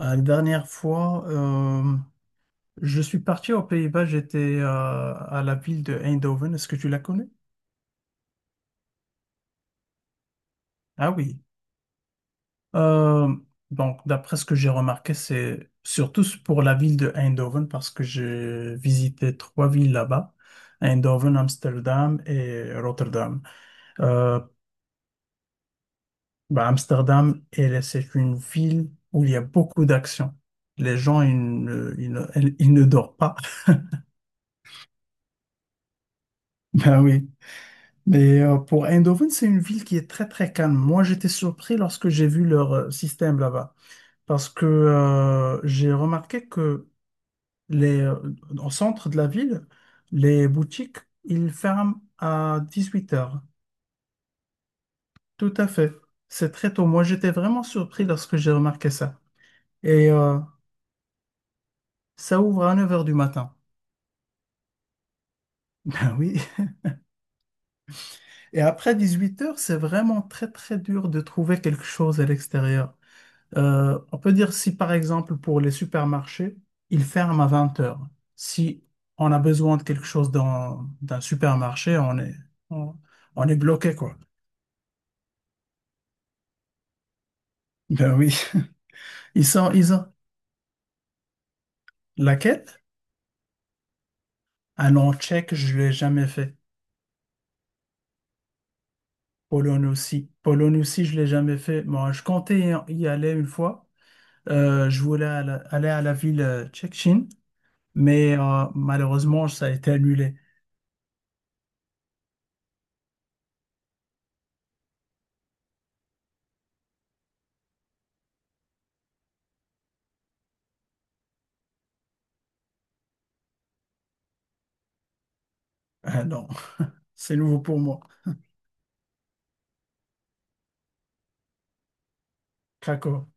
La dernière fois, je suis parti aux Pays-Bas, j'étais à la ville de Eindhoven. Est-ce que tu la connais? Ah oui. Euh, donc, d'après ce que j'ai remarqué, c'est surtout pour la ville de Eindhoven parce que j'ai visité trois villes là-bas, Eindhoven, Amsterdam et Rotterdam. Euh, bah, Amsterdam, elle, c'est une ville où il y a beaucoup d'actions. Les gens, ne, ils ne, ils ne dorment pas. Ben oui. Mais pour Eindhoven, c'est une ville qui est très très calme. Moi, j'étais surpris lorsque j'ai vu leur système là-bas, parce que j'ai remarqué que les, euh, au centre de la ville, les boutiques, ils ferment à 18 heures. Tout à fait. C'est très tôt. Moi, j'étais vraiment surpris lorsque j'ai remarqué ça. Et ça ouvre à 9 heures du matin. Ah oui. Et après 18 heures, c'est vraiment très très dur de trouver quelque chose à l'extérieur. On peut dire si par exemple pour les supermarchés, ils ferment à 20 heures. Si on a besoin de quelque chose dans d'un supermarché, on, on est bloqué quoi. Ben oui, ils ont laquelle? Ah non, tchèque, je l'ai jamais fait. Pologne aussi. Pologne aussi, je l'ai jamais fait. Moi, je comptais y aller une fois. Je voulais aller à la ville tchétchène, mais malheureusement, ça a été annulé. Ah non, c'est nouveau pour moi. Krakow.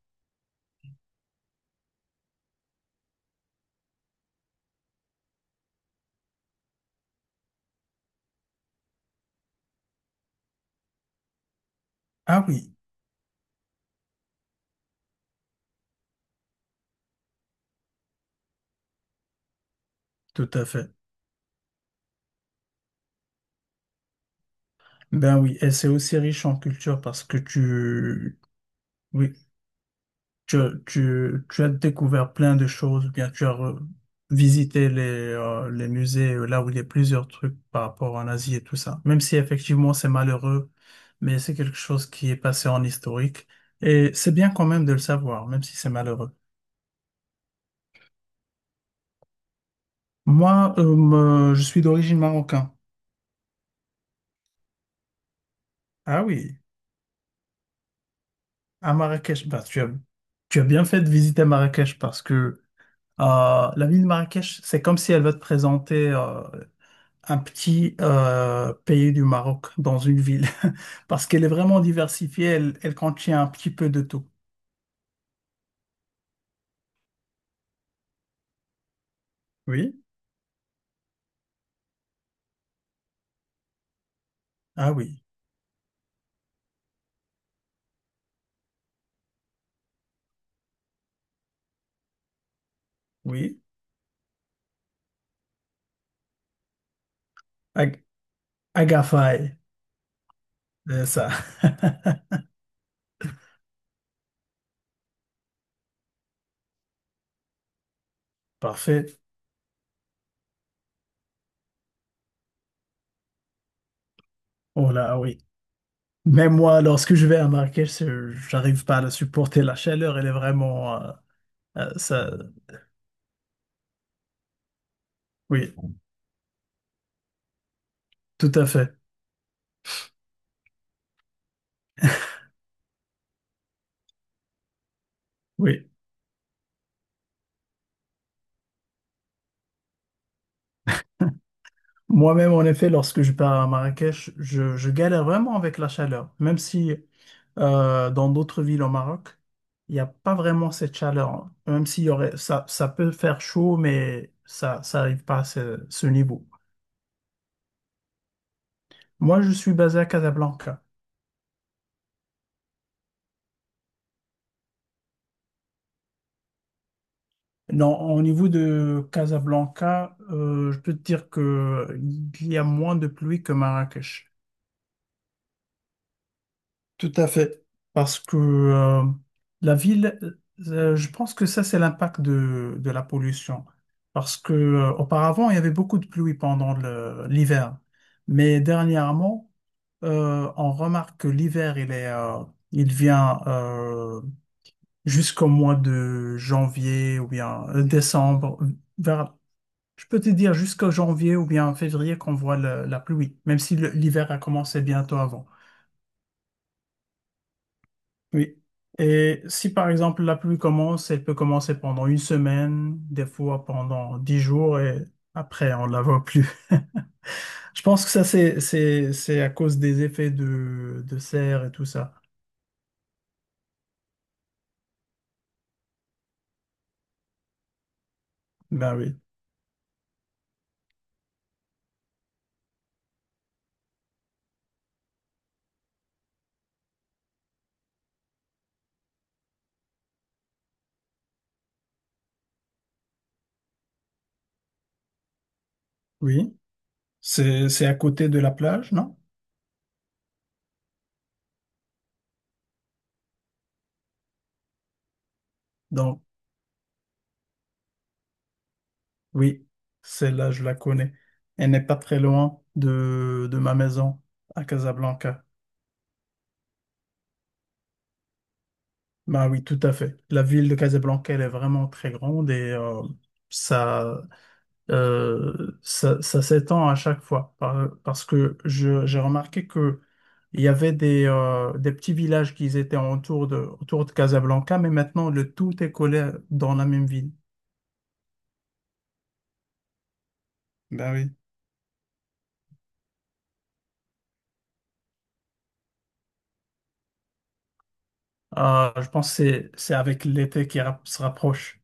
Ah oui. Tout à fait. Ben oui, et c'est aussi riche en culture parce que tu, oui, tu, tu as découvert plein de choses, ou bien tu as visité les musées là où il y a plusieurs trucs par rapport en Asie et tout ça. Même si effectivement c'est malheureux, mais c'est quelque chose qui est passé en historique. Et c'est bien quand même de le savoir, même si c'est malheureux. Moi, je suis d'origine marocaine. Ah oui, à Marrakech, bah, tu as bien fait de visiter Marrakech parce que la ville de Marrakech, c'est comme si elle veut te présenter un petit pays du Maroc dans une ville, parce qu'elle est vraiment diversifiée, elle, elle contient un petit peu de tout. Oui? Ah oui, oui. Ag- Agafay, c'est ça. Parfait. Oh là, oui. Mais moi, lorsque je vais à Marrakech, j'arrive pas à la supporter. La chaleur, elle est vraimenteuh, ça... Oui, tout à fait. Oui. Moi-même, en effet, lorsque je pars à Marrakech, je galère vraiment avec la chaleur. Même si dans d'autres villes au Maroc, il n'y a pas vraiment cette chaleur. Même s'il y aurait, ça peut faire chaud, mais ça n'arrive pas à ce niveau. Moi, je suis basé à Casablanca. Non, au niveau de Casablanca, je peux te dire que il y a moins de pluie que Marrakech. Tout à fait. Parce que la ville, je pense que ça, c'est l'impact de la pollution. Parce que auparavant, il y avait beaucoup de pluie pendant l'hiver. Mais dernièrement, on remarque que l'hiver, il est, il vient jusqu'au mois de janvier ou bien décembre. Vers, je peux te dire jusqu'au janvier ou bien février qu'on voit la pluie, même si l'hiver a commencé bientôt avant. Oui. Et si par exemple la pluie commence, elle peut commencer pendant une semaine, des fois pendant dix jours et après on la voit plus. Je pense que ça c'est à cause des effets de serre et tout ça. Ben oui, oui. C'est à côté de la plage, non? Donc oui, celle-là je la connais. Elle n'est pas très loin de ma maison à Casablanca. Ben oui, tout à fait. La ville de Casablanca elle est vraiment très grande et ça ça s'étend à chaque fois. Parce que j'ai remarqué que il y avait des petits villages qui étaient autour de Casablanca, mais maintenant le tout est collé dans la même ville. Ben oui. Je pense que c'est avec l'été qui se rapproche.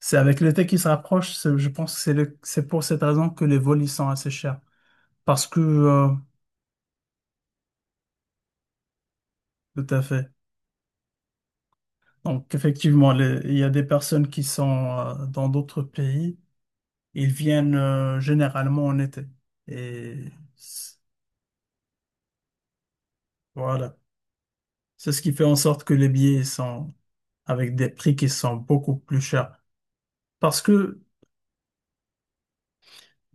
C'est avec l'été qui se rapproche, je pense que c'est c'est pour cette raison que les vols ils sont assez chers. Parce que, tout à fait. Donc, effectivement, il y a des personnes qui sont dans d'autres pays Ils viennent généralement en été. Et c- voilà. C'est ce qui fait en sorte que les billets sont avec des prix qui sont beaucoup plus chers. Parce que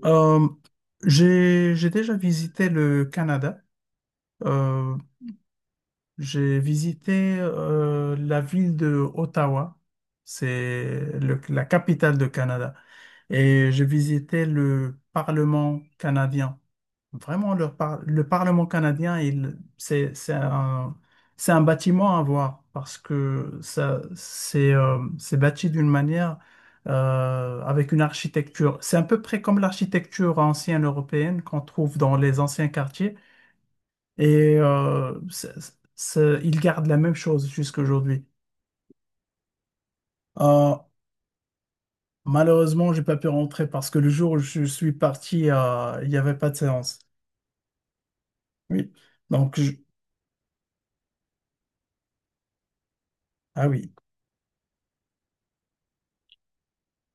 euh, j'ai déjà visité le Canada. Euh, j'ai visité la ville de Ottawa. C'est la capitale du Canada. Et j'ai visité le Parlement canadien. Vraiment, le Parlement canadien, c'est c'est un bâtiment à voir parce que ça, c'est bâti d'une manière, avec une architecture. C'est à peu près comme l'architecture ancienne européenne qu'on trouve dans les anciens quartiers et il garde la même chose jusqu'à aujourd'hui. Euh, Malheureusement, j'ai pas pu rentrer parce que le jour où je suis parti, il n'y avait pas de séance. Oui. Donc, je- ah oui,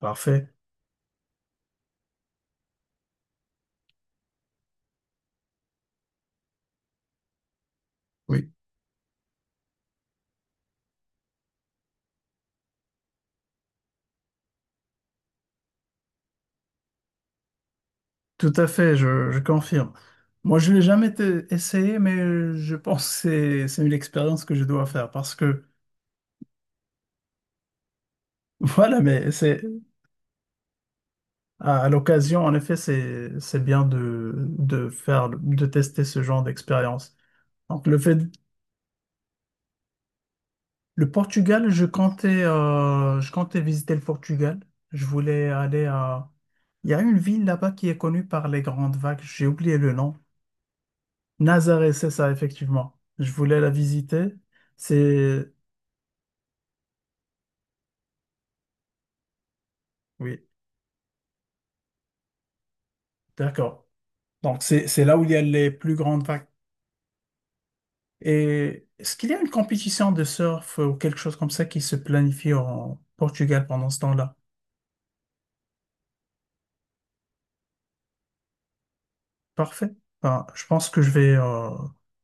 parfait. Oui. Tout à fait, je confirme. Moi, je l'ai jamais essayé, mais je pense que c'est une expérience que je dois faire parce que, voilà, mais c'est à l'occasion, en effet, c'est bien de faire, de tester ce genre d'expérience. Donc, le fait, le Portugal, je comptais visiter le Portugal. Je voulais aller à, Il y a une ville là-bas qui est connue par les grandes vagues, j'ai oublié le nom. Nazaré, c'est ça, effectivement. Je voulais la visiter. C'est, oui. D'accord. Donc, c'est là où il y a les plus grandes vagues. Et est-ce qu'il y a une compétition de surf ou quelque chose comme ça qui se planifie en Portugal pendant ce temps-là? Parfait. Ben, je pense que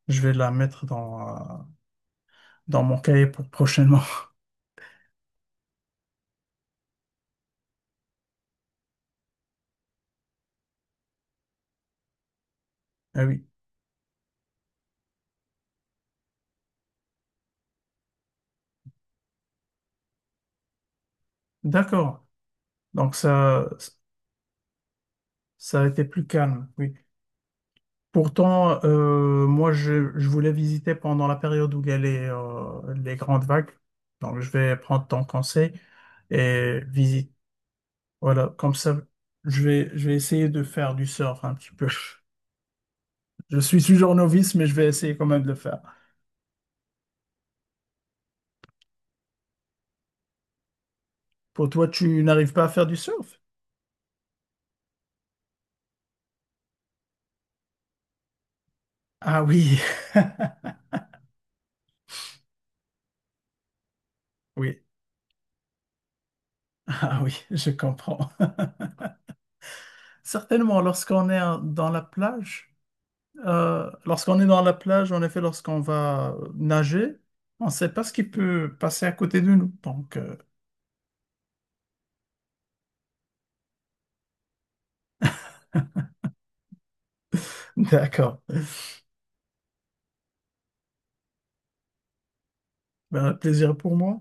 je vais la mettre dans, dans mon cahier pour prochainement. Ah oui. D'accord. Donc, ça a été plus calme. Oui. Pourtant, je voulais visiter pendant la période où il y a les grandes vagues. Donc, je vais prendre ton conseil et visiter Voilà, comme ça, je vais essayer de faire du surf un petit peu. Je suis toujours novice, mais je vais essayer quand même de le faire. Pour toi, tu n'arrives pas à faire du surf? Ah oui, oui, oui, je comprends. Certainement, lorsqu'on est dans la plage, en effet, lorsqu'on va nager, on ne sait pas ce qui peut passer à côté de nous. Donc, d'accord. Ben, plaisir pour moi.